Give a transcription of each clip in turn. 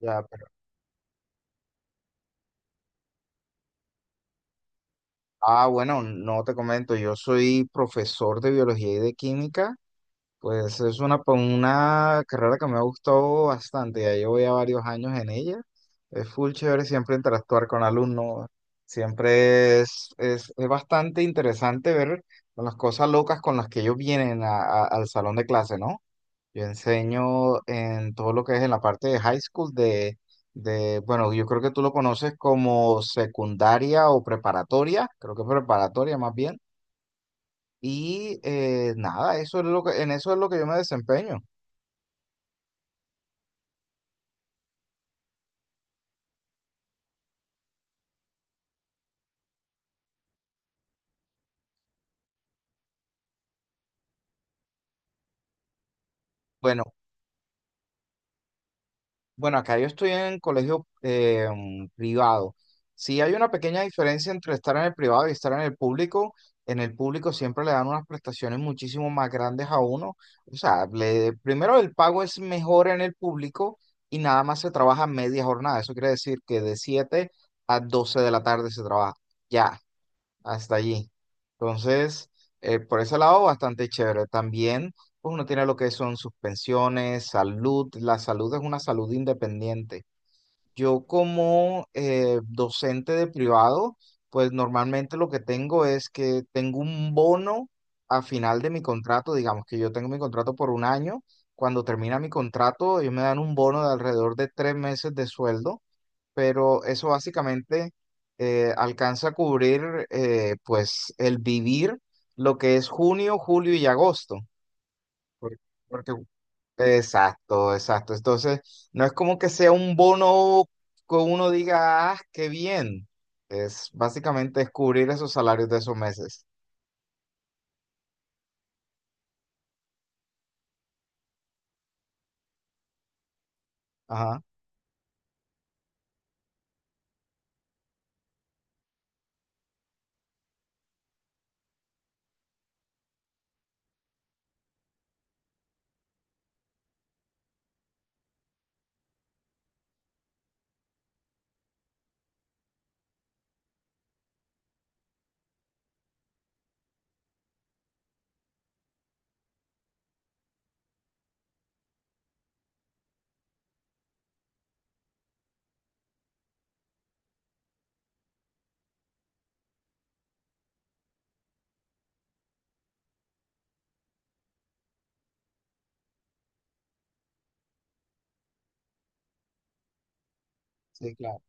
Ya, pero- bueno, no te comento, yo soy profesor de biología y de química, pues es una, una carrera que me ha gustado bastante, ya llevo varios años en ella, es full chévere siempre interactuar con alumnos, siempre es bastante interesante ver las cosas locas con las que ellos vienen al salón de clase, ¿no? Yo enseño en todo lo que es en la parte de high school, bueno, yo creo que tú lo conoces como secundaria o preparatoria, creo que preparatoria más bien. Nada, eso es lo que, en eso es lo que yo me desempeño. Bueno, Bueno, acá yo estoy en colegio privado. Sí hay una pequeña diferencia entre estar en el privado y estar en el público. En el público siempre le dan unas prestaciones muchísimo más grandes a uno. O sea, primero el pago es mejor en el público y nada más se trabaja media jornada. Eso quiere decir que de 7 a 12 de la tarde se trabaja. Ya hasta allí. Entonces, por ese lado, bastante chévere. También, pues uno tiene lo que son sus pensiones salud. La salud es una salud independiente. Yo como docente de privado, pues normalmente lo que tengo es que tengo un bono a final de mi contrato, digamos que yo tengo mi contrato por un año. Cuando termina mi contrato, ellos me dan un bono de alrededor de tres meses de sueldo, pero eso básicamente alcanza a cubrir pues el vivir lo que es junio, julio y agosto. Por- Porque, exacto, exacto. Entonces, no es como que sea un bono que uno diga, ah, qué bien. Es básicamente es cubrir esos salarios de esos meses. Ajá, sí, claro.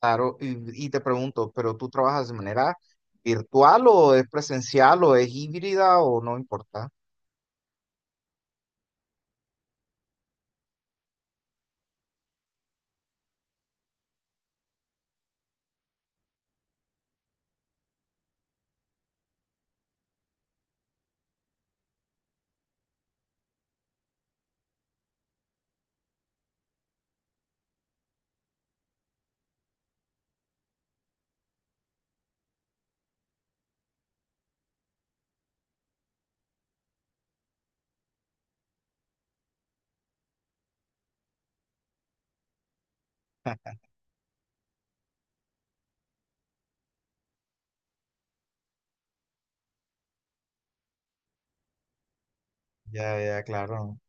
Claro, y te pregunto, ¿pero tú trabajas de manera virtual o es presencial o es híbrida o no importa? Ya, ya, claro.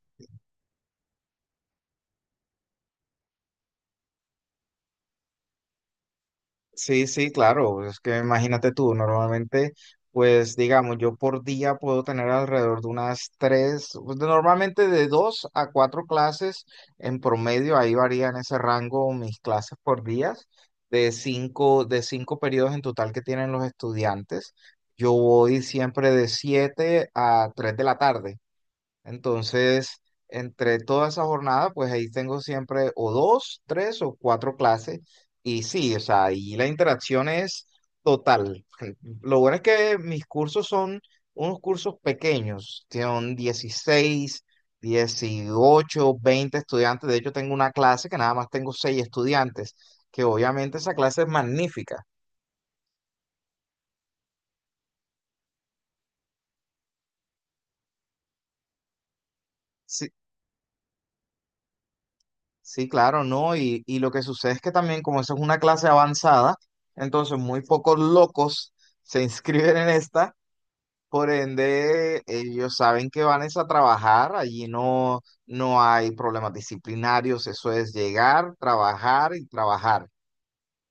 Sí, sí, claro. Es que imagínate tú, normalmente, pues digamos, yo por día puedo tener alrededor de unas tres, pues, normalmente de dos a cuatro clases en promedio, ahí varía en ese rango mis clases por días, de cinco periodos en total que tienen los estudiantes. Yo voy siempre de siete a tres de la tarde. Entonces, entre toda esa jornada, pues ahí tengo siempre o dos, tres o cuatro clases. Y sí, o sea, ahí la interacción es total. Lo bueno es que mis cursos son unos cursos pequeños, son dieciséis, dieciocho, 20 estudiantes. De hecho, tengo una clase que nada más tengo seis estudiantes, que obviamente esa clase es magnífica. Sí, claro, ¿no? Y lo que sucede es que también, como eso es una clase avanzada, entonces muy pocos locos se inscriben en esta, por ende ellos saben que van es a trabajar, allí no, no hay problemas disciplinarios, eso es llegar, trabajar y trabajar.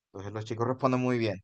Entonces los chicos responden muy bien.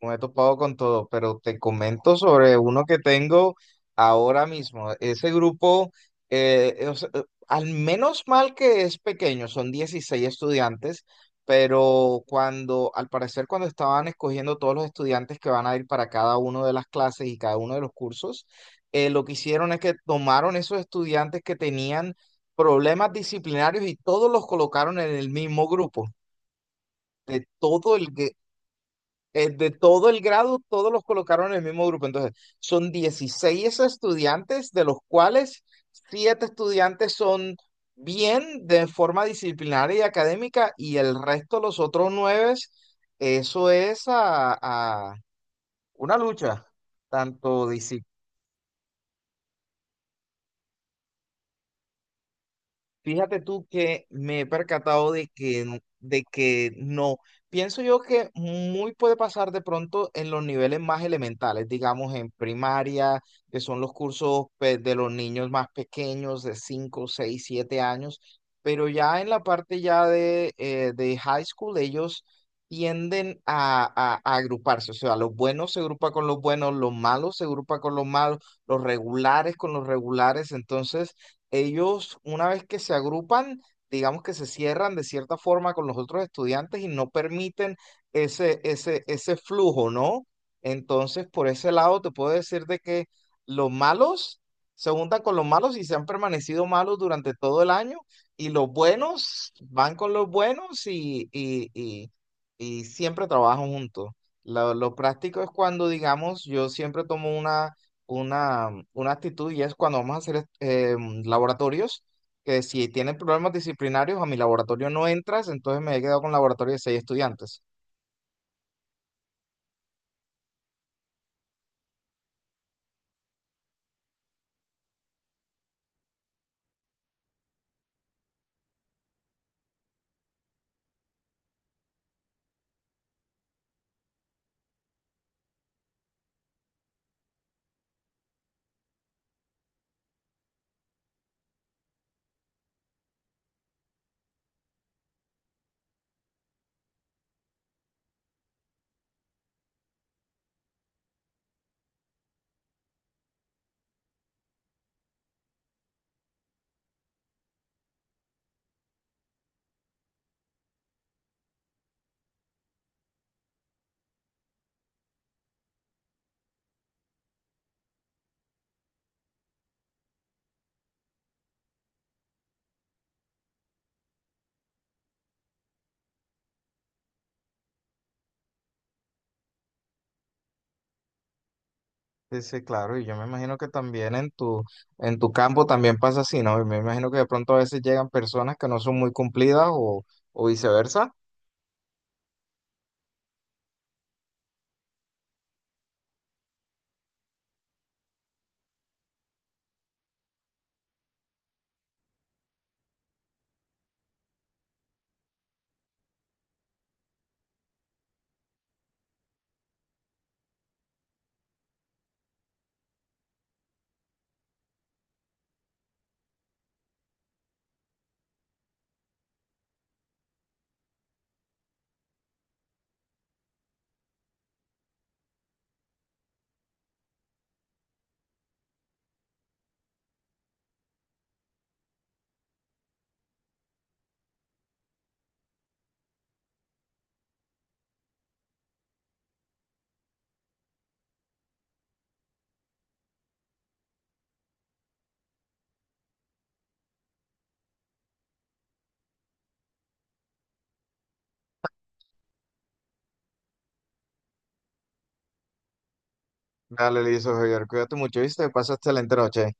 Me he topado con todo, pero te comento sobre uno que tengo ahora mismo. Ese grupo, eh, o sea, eh, al menos mal que es pequeño, son 16 estudiantes, pero cuando, al parecer, cuando estaban escogiendo todos los estudiantes que van a ir para cada uno de las clases y cada uno de los cursos, lo que hicieron es que tomaron esos estudiantes que tenían problemas disciplinarios y todos los colocaron en el mismo grupo. De todo el, de todo el grado, todos los colocaron en el mismo grupo. Entonces, son 16 estudiantes, de los cuales 7 estudiantes son bien de forma disciplinaria y académica, y el resto, los otros 9, eso es a una lucha, tanto Fíjate tú que me he percatado de que, de que no. Pienso yo que muy puede pasar de pronto en los niveles más elementales, digamos en primaria, que son los cursos pues, de los niños más pequeños, de cinco, seis, 7 años, pero ya en la parte ya de high school, ellos tienden a, a agruparse, o sea, los buenos se agrupan con los buenos, los malos se agrupan con los malos, los regulares con los regulares, entonces ellos, una vez que se agrupan, digamos que se cierran de cierta forma con los otros estudiantes y no permiten ese flujo, ¿no? Entonces, por ese lado, te puedo decir de que los malos se juntan con los malos y se han permanecido malos durante todo el año, y los buenos van con los buenos y, y siempre trabajan juntos. Lo práctico es cuando, digamos, yo siempre tomo una, una actitud, y es cuando vamos a hacer laboratorios, que si tienen problemas disciplinarios a mi laboratorio no entras, entonces me he quedado con un laboratorio de seis estudiantes. Sí, sí, claro, y yo me imagino que también en tu campo también pasa así, ¿no? Y me imagino que de pronto a veces llegan personas que no son muy cumplidas o viceversa. Dale, listo, Javier, cuídate mucho, ¿viste? Pasa excelente noche.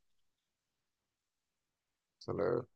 Hasta luego.